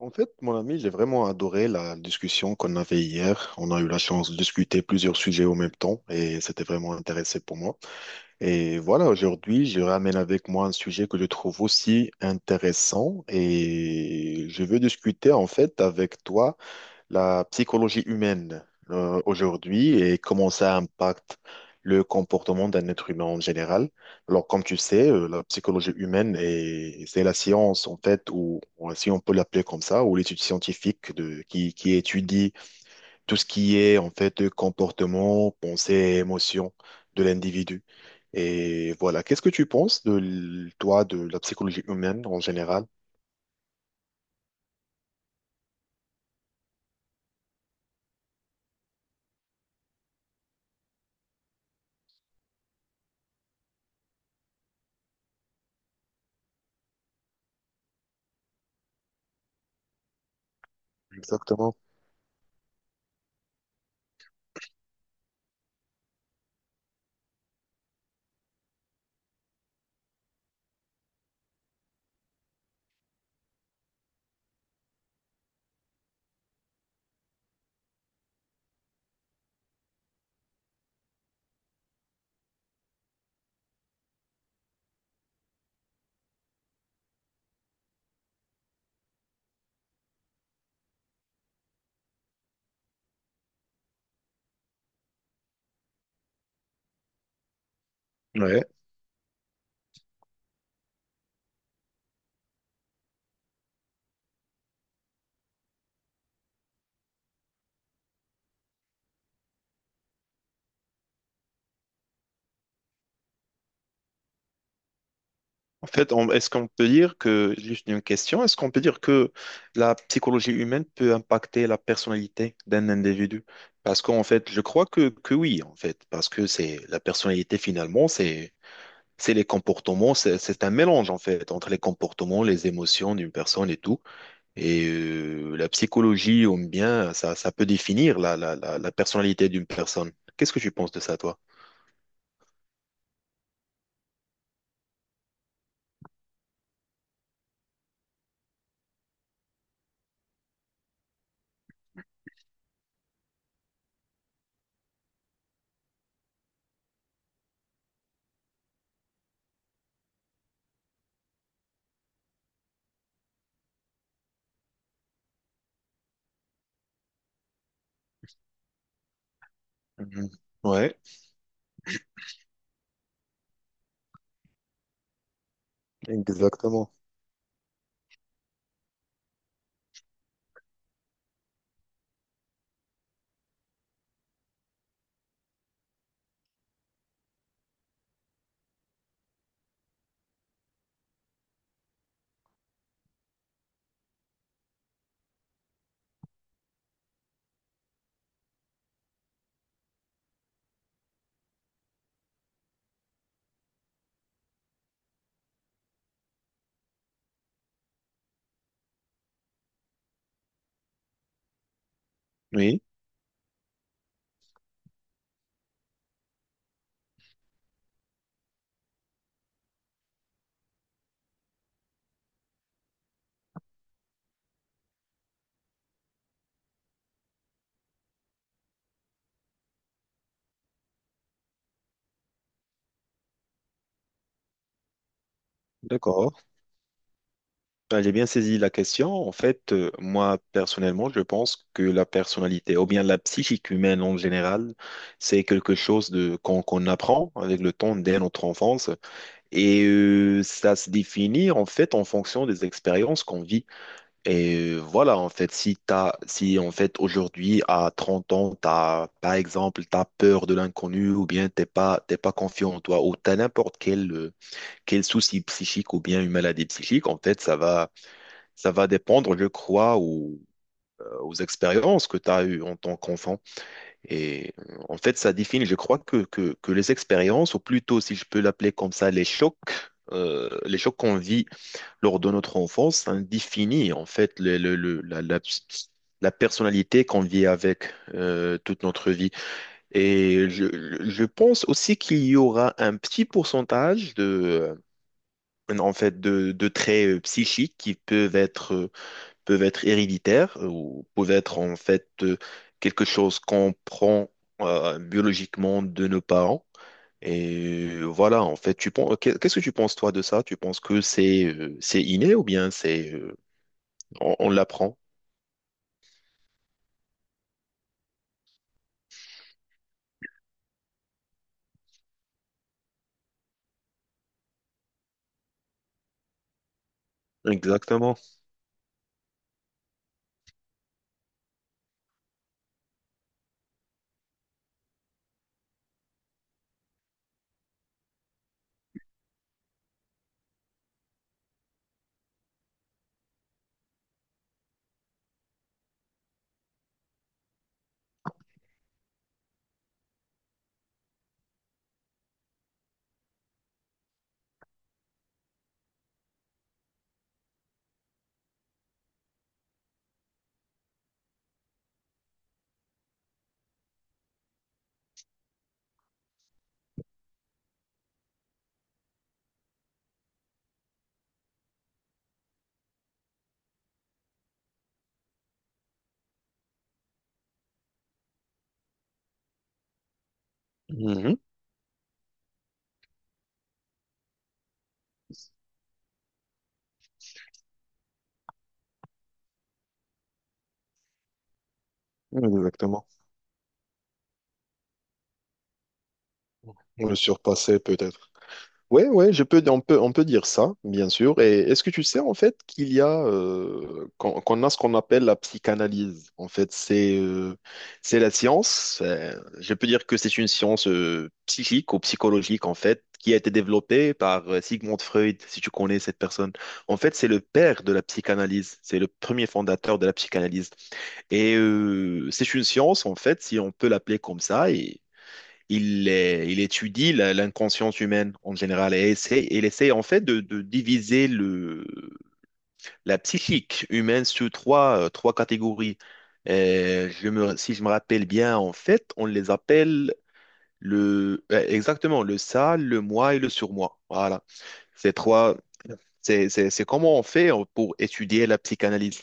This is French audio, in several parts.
En fait, mon ami, j'ai vraiment adoré la discussion qu'on avait hier. On a eu la chance de discuter plusieurs sujets au même temps et c'était vraiment intéressant pour moi. Et voilà, aujourd'hui, je ramène avec moi un sujet que je trouve aussi intéressant et je veux discuter en fait avec toi la psychologie humaine aujourd'hui et comment ça impacte le comportement d'un être humain en général. Alors, comme tu sais, la psychologie humaine c'est la science, en fait, ou si on peut l'appeler comme ça, ou l'étude scientifique de, qui étudie tout ce qui est, en fait, comportement, pensée et émotion de l'individu. Et voilà, qu'est-ce que tu penses de, toi, de la psychologie humaine en général? Exactement. En fait, est-ce qu'on peut dire que, juste une question, est-ce qu'on peut dire que la psychologie humaine peut impacter la personnalité d'un individu? Parce qu'en fait, je crois que oui, en fait, parce que c'est la personnalité finalement, c'est les comportements, c'est un mélange en fait entre les comportements, les émotions d'une personne et tout. Et la psychologie, ou bien, ça peut définir la personnalité d'une personne. Qu'est-ce que tu penses de ça, toi? Mhm. Ouais, exactement. Oui, d'accord. Ah, j'ai bien saisi la question. En fait, moi, personnellement, je pense que la personnalité, ou bien la psychique humaine en général, c'est quelque chose de, qu'on apprend avec le temps dès notre enfance. Et ça se définit, en fait, en fonction des expériences qu'on vit. Et voilà, en fait, si, en fait, aujourd'hui, à 30 ans, t'as, par exemple, t'as peur de l'inconnu, ou bien t'es pas confiant en toi, ou t'as n'importe quel souci psychique, ou bien une maladie psychique, en fait, ça va dépendre, je crois, aux expériences que tu as eues en tant qu'enfant. Et en fait, ça définit, je crois, que les expériences, ou plutôt, si je peux l'appeler comme ça, les chocs qu'on vit lors de notre enfance, ça définit en fait la personnalité qu'on vit avec toute notre vie. Et je, je pense aussi qu'il y aura un petit pourcentage de, en fait, de traits psychiques qui peuvent être héréditaires ou peuvent être en fait quelque chose qu'on prend biologiquement de nos parents. Et voilà, en fait, qu'est-ce que tu penses toi de ça? Tu penses que c'est inné ou bien c'est on l'apprend? Exactement. Mhm. Exactement. Le surpasser peut-être. Oui, oui, on peut dire ça, bien sûr. Et est-ce que tu sais en fait qu'il y a qu'on a ce qu'on appelle la psychanalyse. En fait, c'est la science. Je peux dire que c'est une science psychique ou psychologique en fait qui a été développée par Sigmund Freud, si tu connais cette personne. En fait, c'est le père de la psychanalyse. C'est le premier fondateur de la psychanalyse. Et c'est une science, en fait, si on peut l'appeler comme ça, et il étudie l'inconscience humaine en général et il essaie en fait de diviser la psychique humaine sur trois catégories. Si je me rappelle bien, en fait, on les appelle exactement le ça, le moi et le surmoi. Voilà. Ces trois, c'est comment on fait pour étudier la psychanalyse.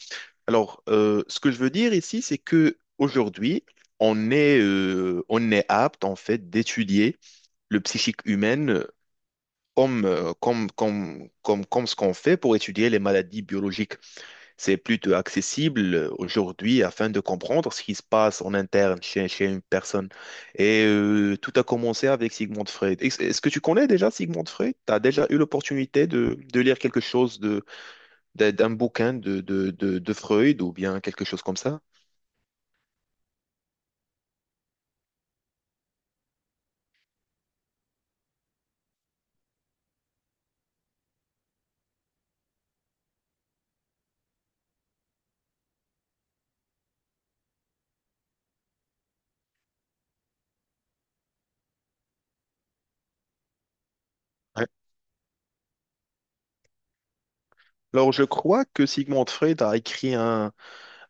Alors, ce que je veux dire ici, c'est que aujourd'hui, on est apte en fait d'étudier le psychique humaine comme ce qu'on fait pour étudier les maladies biologiques. C'est plutôt accessible aujourd'hui afin de comprendre ce qui se passe en interne chez une personne. Et tout a commencé avec Sigmund Freud. Est-ce que tu connais déjà Sigmund Freud? Tu as déjà eu l'opportunité de lire quelque chose d'un bouquin de Freud ou bien quelque chose comme ça? Ouais. Alors, je crois que Sigmund Freud a écrit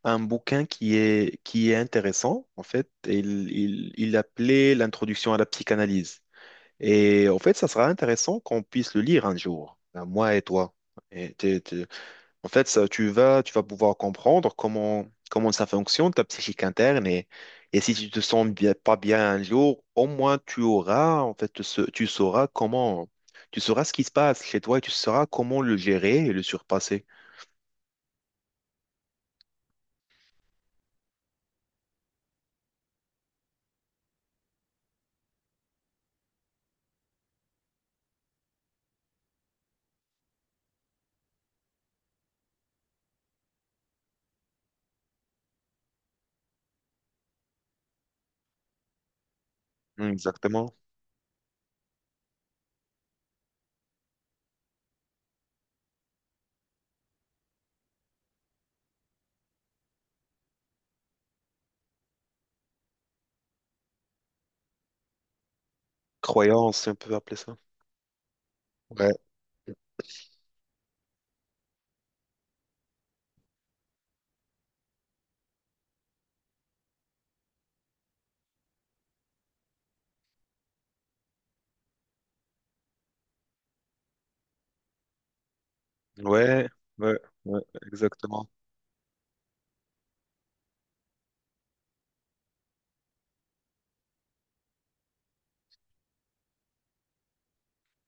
un bouquin qui est intéressant, en fait. Il l'appelait L'introduction à la psychanalyse. Et en fait, ça sera intéressant qu'on puisse le lire un jour, ben, moi et toi. Et en fait, ça, tu vas pouvoir comprendre comment, comment ça fonctionne, ta psychique interne. Et si tu te sens bien, pas bien un jour, au moins tu auras, en fait, tu sauras comment, tu sauras ce qui se passe chez toi et tu sauras comment le gérer et le surpasser. Exactement. Croyance, on peut appeler ça. Ouais. Ouais, ouais, ouais, exactement.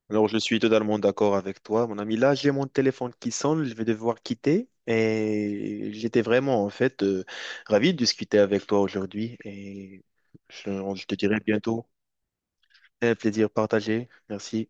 Alors, je suis totalement d'accord avec toi, mon ami. Là, j'ai mon téléphone qui sonne, je vais devoir quitter. Et j'étais vraiment, en fait, ravi de discuter avec toi aujourd'hui. Je, je te dirai bientôt. Un plaisir partagé. Merci.